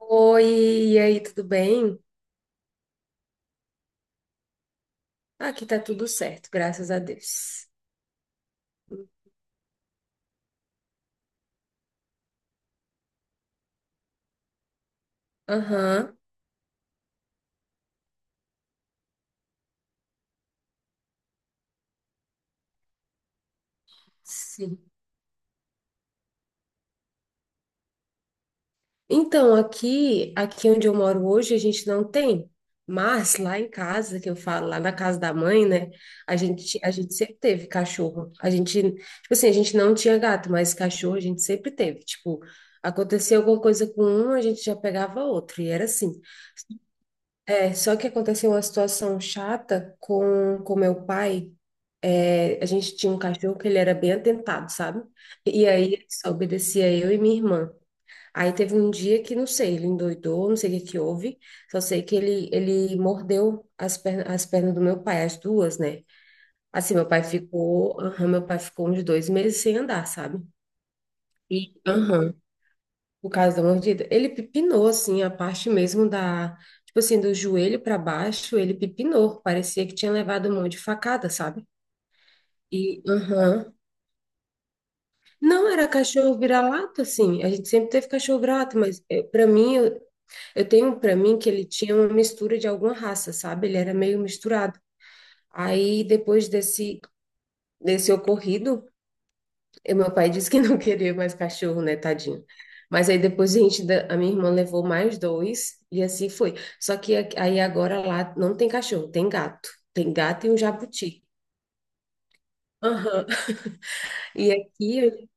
Oi, e aí, tudo bem? Aqui tá tudo certo, graças a Deus. Aham, sim. Então, aqui onde eu moro hoje, a gente não tem, mas lá em casa, que eu falo, lá na casa da mãe, né? A gente sempre teve cachorro. A gente, tipo assim, a gente não tinha gato, mas cachorro a gente sempre teve. Tipo, acontecia alguma coisa com um, a gente já pegava outro, e era assim. É, só que aconteceu uma situação chata com meu pai. É, a gente tinha um cachorro que ele era bem atentado, sabe? E aí ele só obedecia eu e minha irmã. Aí teve um dia que, não sei, ele endoidou, não sei o que que houve, só sei que ele mordeu as pernas do meu pai, as duas, né? Assim, meu pai ficou, aham, meu pai ficou uns dois meses sem andar, sabe? E, aham, por causa da mordida. Ele pipinou, assim, a parte mesmo da, tipo assim, do joelho para baixo, ele pipinou, parecia que tinha levado um monte de facada, sabe? E, aham. Não, era cachorro vira-lata, assim. A gente sempre teve cachorro vira-lata, mas para mim, eu tenho para mim que ele tinha uma mistura de alguma raça, sabe? Ele era meio misturado. Aí, depois desse ocorrido, meu pai disse que não queria mais cachorro, né, tadinho. Mas aí depois a gente, a minha irmã levou mais dois e assim foi. Só que aí agora lá não tem cachorro, tem gato. Tem gato e um jabuti. Aham. E aqui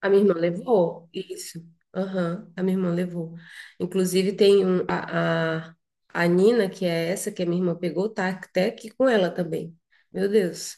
a minha irmã levou, isso. Aham, a minha irmã levou. Inclusive, tem um, a Nina, que é essa que a minha irmã pegou, tá até aqui com ela também. Meu Deus,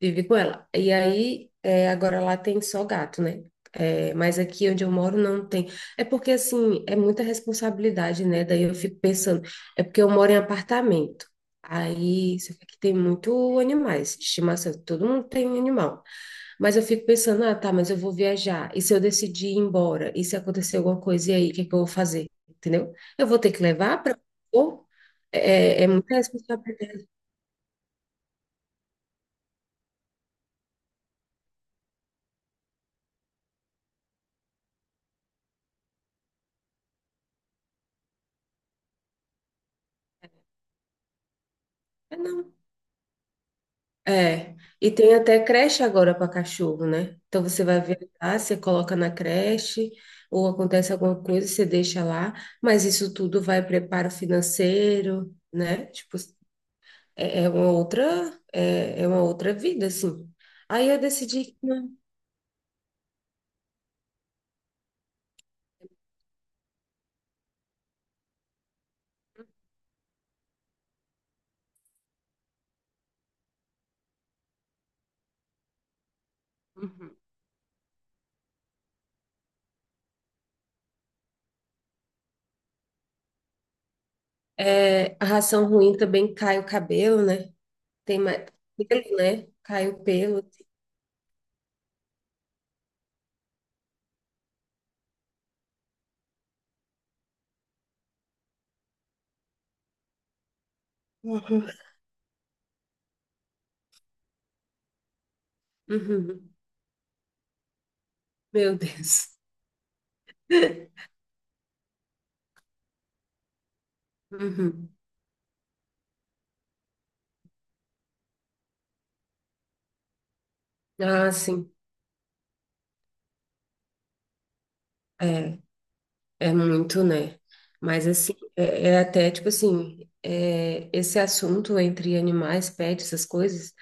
vive com ela. E aí, é, agora lá tem só gato, né? É, mas aqui onde eu moro não tem. É porque, assim, é muita responsabilidade, né? Daí eu fico pensando, é porque eu moro em apartamento. Aí, só que aqui tem muito animais de estimação, todo mundo tem animal. Mas eu fico pensando, ah, tá, mas eu vou viajar. E se eu decidir ir embora? E se acontecer alguma coisa, e aí, o que é que eu vou fazer? Entendeu? Eu vou ter que levar para. É, é muita responsabilidade. É, não. É. E tem até creche agora para cachorro, né? Então você vai viajar, você coloca na creche, ou acontece alguma coisa, você deixa lá, mas isso tudo vai preparo financeiro, né? Tipo, é uma outra, é uma outra vida, assim. Aí eu decidi que não. Uhum. É, a ração ruim também cai o cabelo, né? Tem mais pelo, né? Cai o pelo. Uhum. Uhum. Meu Deus. Uhum. Ah, sim. É, é muito, né? Mas assim, é até tipo assim, é, esse assunto entre animais, pets, essas coisas.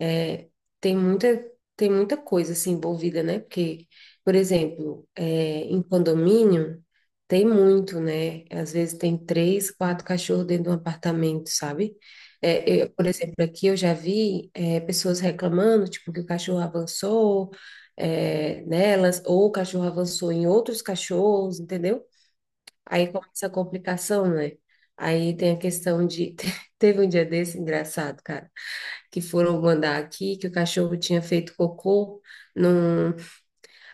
É, tem muita, tem muita coisa assim envolvida, né? Porque, por exemplo, é, em condomínio tem muito, né? Às vezes tem três, quatro cachorros dentro de um apartamento, sabe? É, eu, por exemplo, aqui eu já vi é, pessoas reclamando, tipo, que o cachorro avançou é, nelas, ou o cachorro avançou em outros cachorros, entendeu? Aí começa a complicação, né? Aí tem a questão de. Teve um dia desse engraçado, cara que foram mandar aqui, que o cachorro tinha feito cocô num,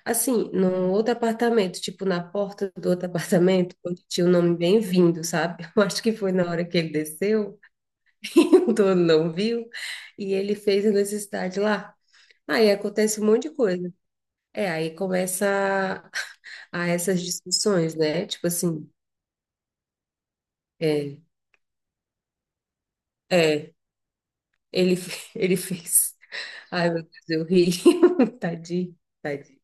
assim, num outro apartamento, tipo na porta do outro apartamento, onde tinha o nome Bem-vindo, sabe? Eu acho que foi na hora que ele desceu, e o dono não viu, e ele fez a necessidade lá. Aí acontece um monte de coisa. É, aí começa a essas discussões, né? Tipo assim, é, é, ele, ele fez. Ai, meu Deus, eu ri. Tadinho, tadinho.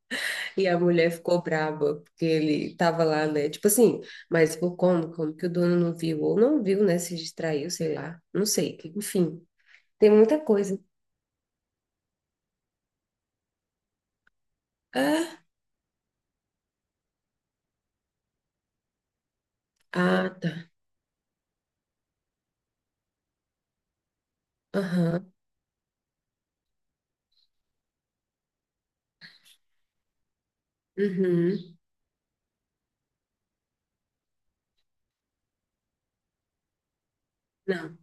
E a mulher ficou braba, porque ele tava lá, né? Tipo assim, mas por como? Como que o dono não viu? Ou não viu, né? Se distraiu, sei lá. Não sei. Enfim, tem muita coisa. Ah, ah, tá. Aham. Uhum. Não.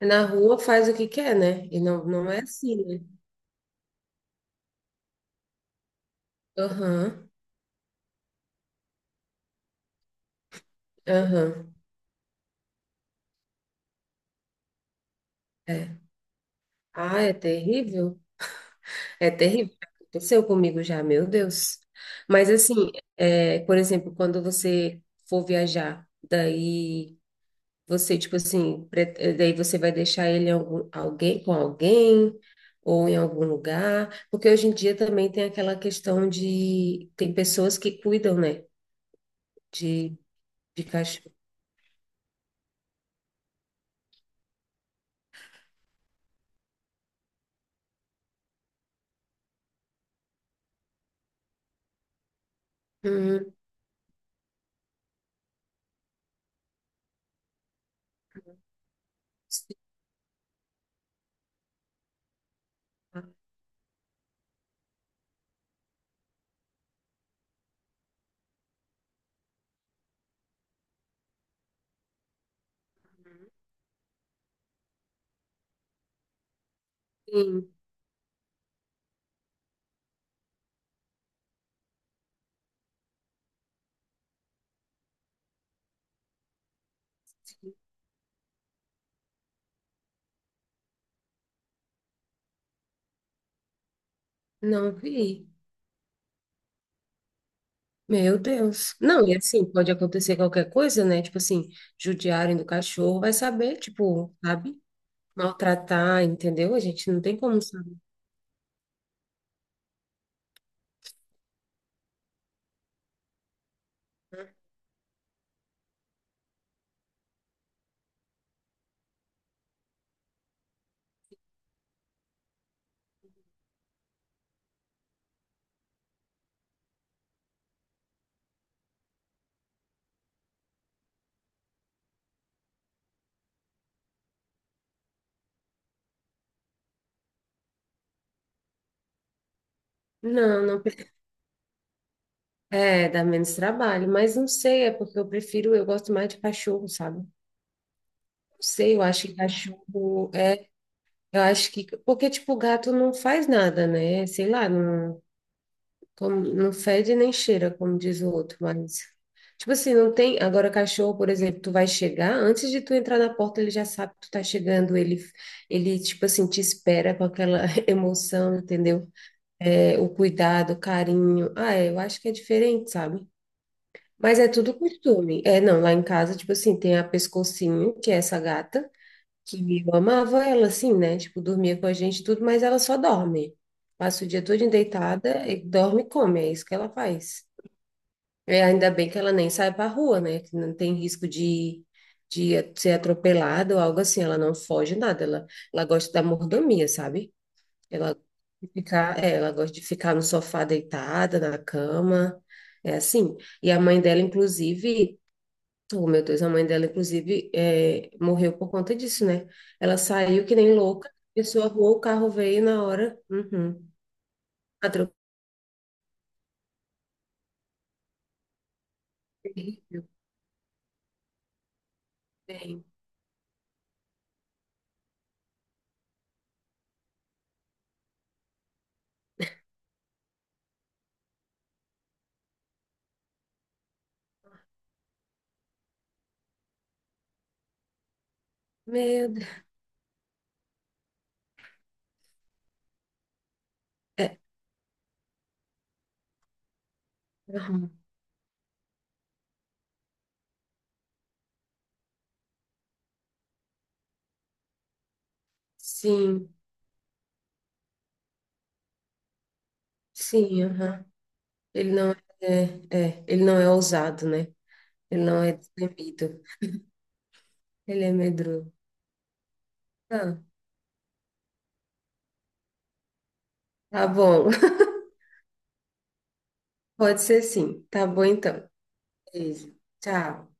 É, na rua faz o que quer, né? E não, não é assim, né? Aham. Aham. É. Ah, é terrível. É terrível. Aconteceu comigo já, meu Deus. Mas assim, é, por exemplo, quando você for viajar, daí. Você, tipo assim, daí você vai deixar ele em algum, alguém, com alguém ou em algum lugar, porque hoje em dia também tem aquela questão de tem pessoas que cuidam, né, de, de cachorro. Uhum. Sim, sim. Não vi. Meu Deus. Não, e assim, pode acontecer qualquer coisa, né? Tipo assim, judiarem do cachorro, vai saber, tipo, sabe? Maltratar, entendeu? A gente não tem como saber. Não. É, dá menos trabalho, mas não sei, é porque eu prefiro, eu gosto mais de cachorro, sabe? Não sei, eu acho que cachorro é, eu acho que, porque tipo, gato não faz nada, né? Sei lá, não, como- não fede nem cheira, como diz o outro, mas tipo assim, não tem, agora cachorro, por exemplo, tu vai chegar, antes de tu entrar na porta, ele já sabe que tu tá chegando, ele tipo assim te espera com aquela emoção, entendeu? É, o cuidado, o carinho. Ah, é, eu acho que é diferente, sabe? Mas é tudo costume. É, não, lá em casa, tipo assim, tem a Pescocinho, que é essa gata, que eu amava ela, assim, né? Tipo, dormia com a gente e tudo, mas ela só dorme. Passa o dia todo deitada, e dorme e come, é isso que ela faz. É, ainda bem que ela nem sai pra rua, né? Que não tem risco de ser atropelada ou algo assim. Ela não foge nada, ela gosta da mordomia, sabe? Ela, ficar, é, ela gosta de ficar no sofá deitada, na cama, é assim. E a mãe dela, inclusive. Oh, meu Deus, a mãe dela, inclusive, é, morreu por conta disso, né? Ela saiu que nem louca, atravessou a rua, o carro veio na hora. Uhum. Atropelou. Terrível, bem. Meu Deus. É, uhum. Sim, sim, aham. Ele não é, ele não é ousado, né? Ele não é destemido. Ele é medroso. Ah, tá bom. Pode ser sim. Tá bom, então. Beijo. Tchau.